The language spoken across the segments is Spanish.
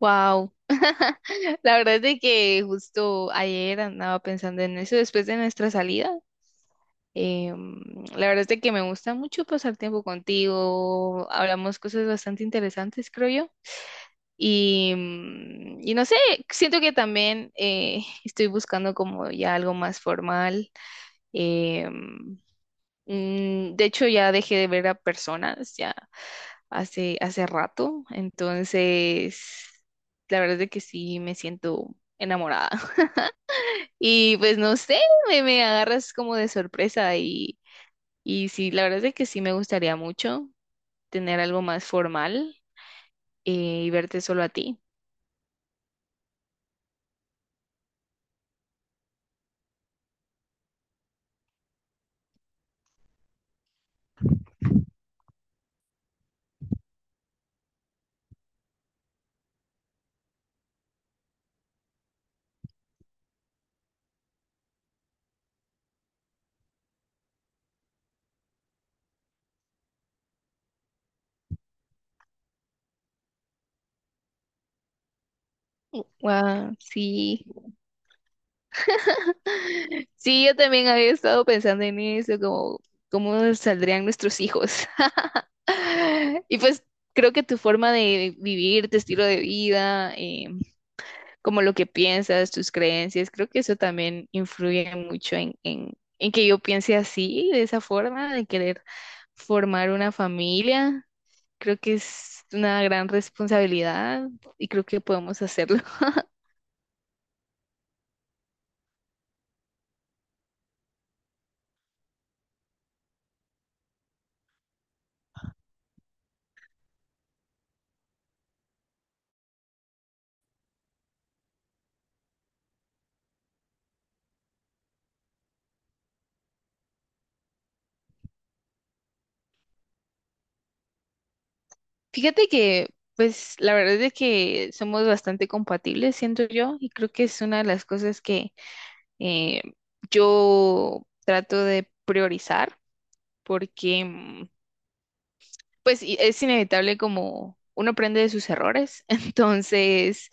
Wow. La verdad es de que justo ayer andaba pensando en eso después de nuestra salida. Em, la verdad es de que me gusta mucho pasar tiempo contigo. Hablamos cosas bastante interesantes, creo yo. Y, y no sé, siento que también estoy buscando como ya algo más formal. Em, de hecho, ya dejé de ver a personas ya hace rato, entonces la verdad es que sí me siento enamorada. Y pues no sé, me agarras como de sorpresa y sí, la verdad es que sí me gustaría mucho tener algo más formal eh, y verte solo a ti. Wow, sí. Sí, yo también había estado pensando en eso, como cómo saldrían nuestros hijos. Y pues creo que tu forma de vivir, tu estilo de vida, como lo que piensas, tus creencias, creo que eso también influye mucho en que yo piense así, de esa forma, de querer formar una familia. Creo que es una gran responsabilidad y creo que podemos hacerlo. Fíjate que, pues, la verdad es de que somos bastante compatibles, siento yo, y creo que es una de las cosas que eh, yo trato de priorizar porque pues es inevitable como uno aprende de sus errores, entonces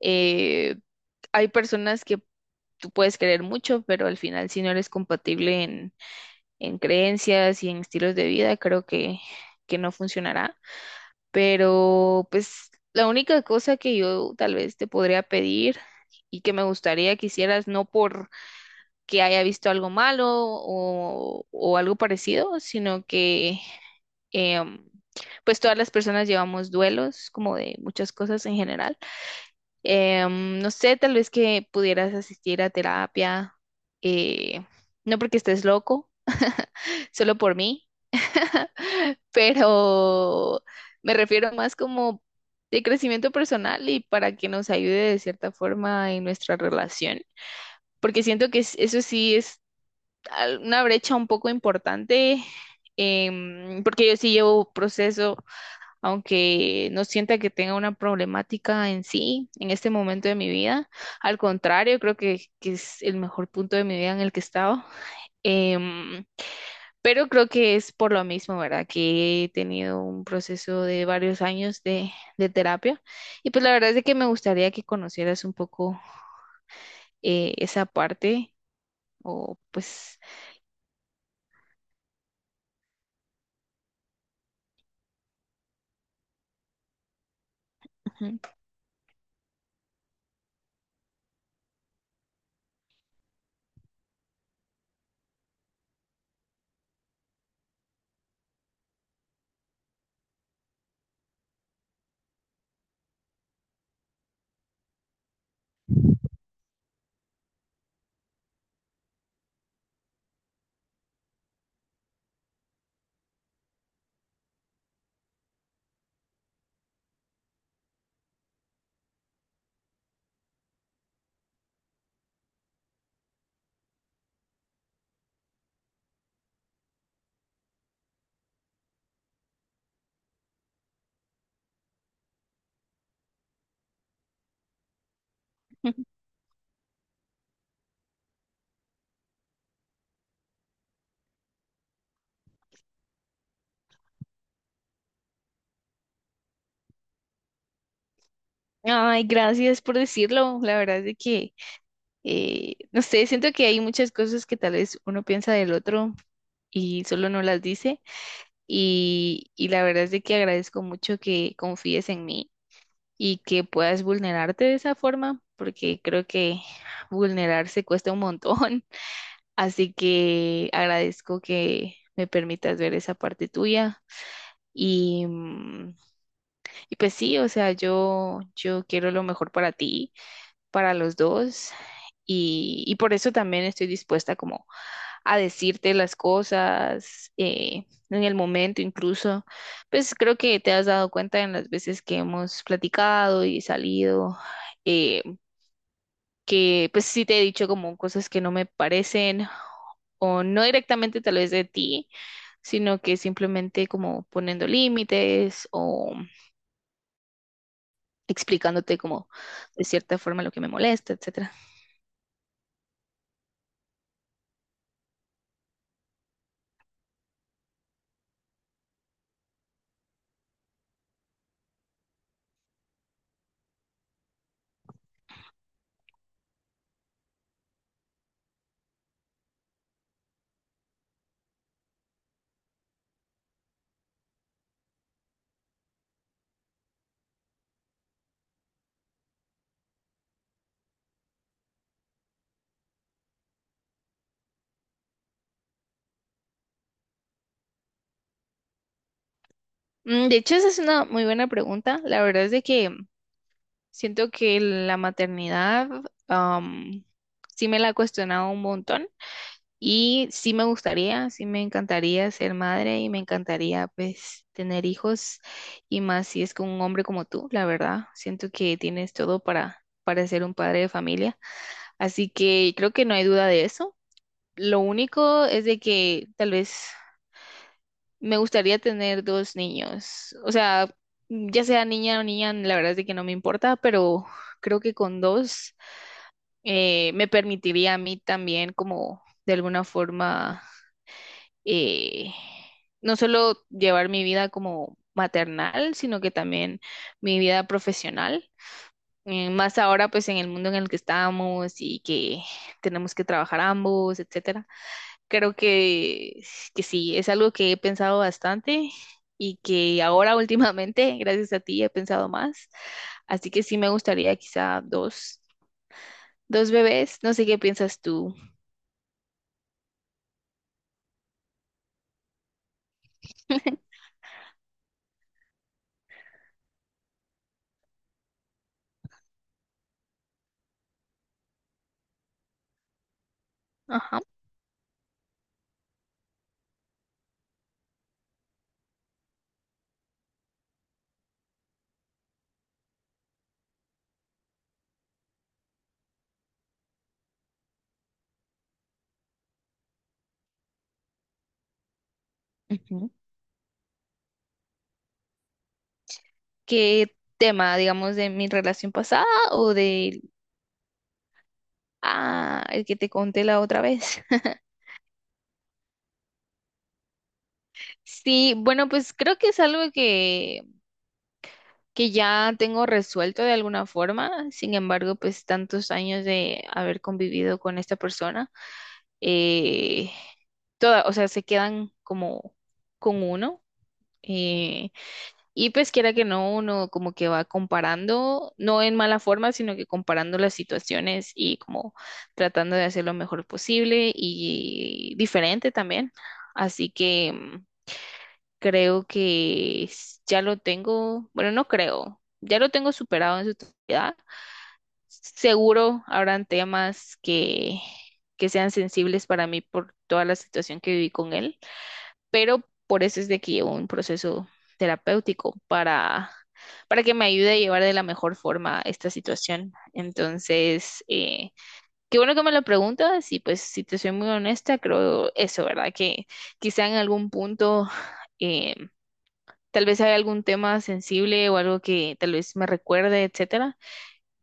eh, hay personas que tú puedes querer mucho, pero al final si no eres compatible en creencias y en estilos de vida, creo que no funcionará, pero pues la única cosa que yo tal vez te podría pedir y que me gustaría que hicieras, no por que haya visto algo malo o algo parecido, sino que Em, pues todas las personas llevamos duelos, como de muchas cosas en general. No sé, tal vez que pudieras asistir a terapia, eh, no porque estés loco, solo por mí, pero me refiero más como de crecimiento personal y para que nos ayude de cierta forma en nuestra relación, porque siento que eso sí es una brecha un poco importante, porque yo sí llevo proceso aunque no sienta que tenga una problemática en sí en este momento de mi vida. Al contrario, creo que es el mejor punto de mi vida en el que he estado. Em, pero creo que es por lo mismo, ¿verdad? Que he tenido un proceso de varios años de terapia. Y pues la verdad es de que me gustaría que conocieras un poco esa parte. O pues, ujú. Ay, gracias por decirlo. La verdad es de que no sé, siento que hay muchas cosas que tal vez uno piensa del otro y solo no las dice. Y la verdad es de que agradezco mucho que confíes en mí y que puedas vulnerarte de esa forma, porque creo que vulnerarse cuesta un montón. Así que agradezco que me permitas ver esa parte tuya. Y, y pues sí, o sea, yo quiero lo mejor para ti para los dos y por eso también estoy dispuesta como a decirte las cosas en el momento incluso. Pues creo que te has dado cuenta en las veces que hemos platicado y salido, eh, que pues sí te he dicho como cosas que no me parecen o no directamente tal vez de ti, sino que simplemente como poniendo límites o explicándote como de cierta forma lo que me molesta, etcétera. De hecho, esa es una muy buena pregunta. La verdad es de que siento que la maternidad am, sí me la he cuestionado un montón y sí me gustaría, sí me encantaría ser madre y me encantaría pues tener hijos y más si es con un hombre como tú, la verdad. Siento que tienes todo para ser un padre de familia. Así que creo que no hay duda de eso. Lo único es de que tal vez me gustaría tener dos niños. O sea, ya sea niña o niña, la verdad es de que no me importa, pero creo que con dos me permitiría a mí también como de alguna forma eh, no solo llevar mi vida como maternal, sino que también mi vida profesional. Más ahora pues en el mundo en el que estamos y que tenemos que trabajar ambos, etcétera. Creo que sí, es algo que he pensado bastante y que ahora últimamente, gracias a ti, he pensado más. Así que sí me gustaría quizá dos, dos bebés. No sé qué piensas tú. Ajá. Ujú. ¿Qué tema, digamos, de mi relación pasada o de, ah, el que te conté la otra vez? Sí, bueno, pues creo que es algo que ya tengo resuelto de alguna forma. Sin embargo, pues tantos años de haber convivido con esta persona, eh, toda, o sea, se quedan como con uno. eh, y pues quiera que no, uno como que va comparando, no en mala forma, sino que comparando las situaciones y como tratando de hacer lo mejor posible y diferente también. Así que... creo que ya lo tengo, bueno, no creo, ya lo tengo superado en su totalidad. Seguro habrán temas que sean sensibles para mí por toda la situación que viví con él, pero por eso es de que llevo un proceso terapéutico para que me ayude a llevar de la mejor forma esta situación. Entonces, qué bueno que me lo preguntas y pues si te soy muy honesta, creo eso, ¿verdad? Que quizá en algún punto... eh, tal vez hay algún tema sensible o algo que tal vez me recuerde, etcétera,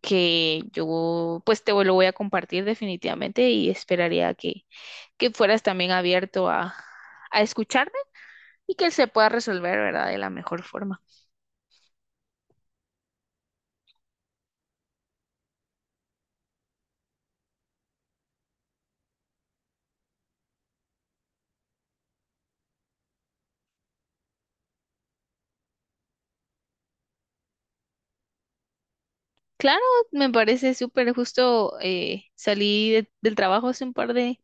que yo pues te lo voy a compartir definitivamente y esperaría que fueras también abierto a escucharme y que se pueda resolver, ¿verdad? De la mejor forma. Claro, me parece súper justo. Salí del trabajo hace un par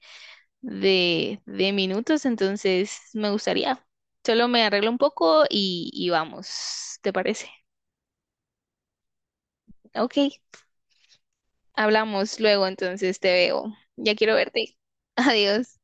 de minutos, entonces me gustaría. Solo me arreglo un poco y vamos, ¿te parece? Ok, hablamos luego, entonces te veo. Ya quiero verte. Adiós.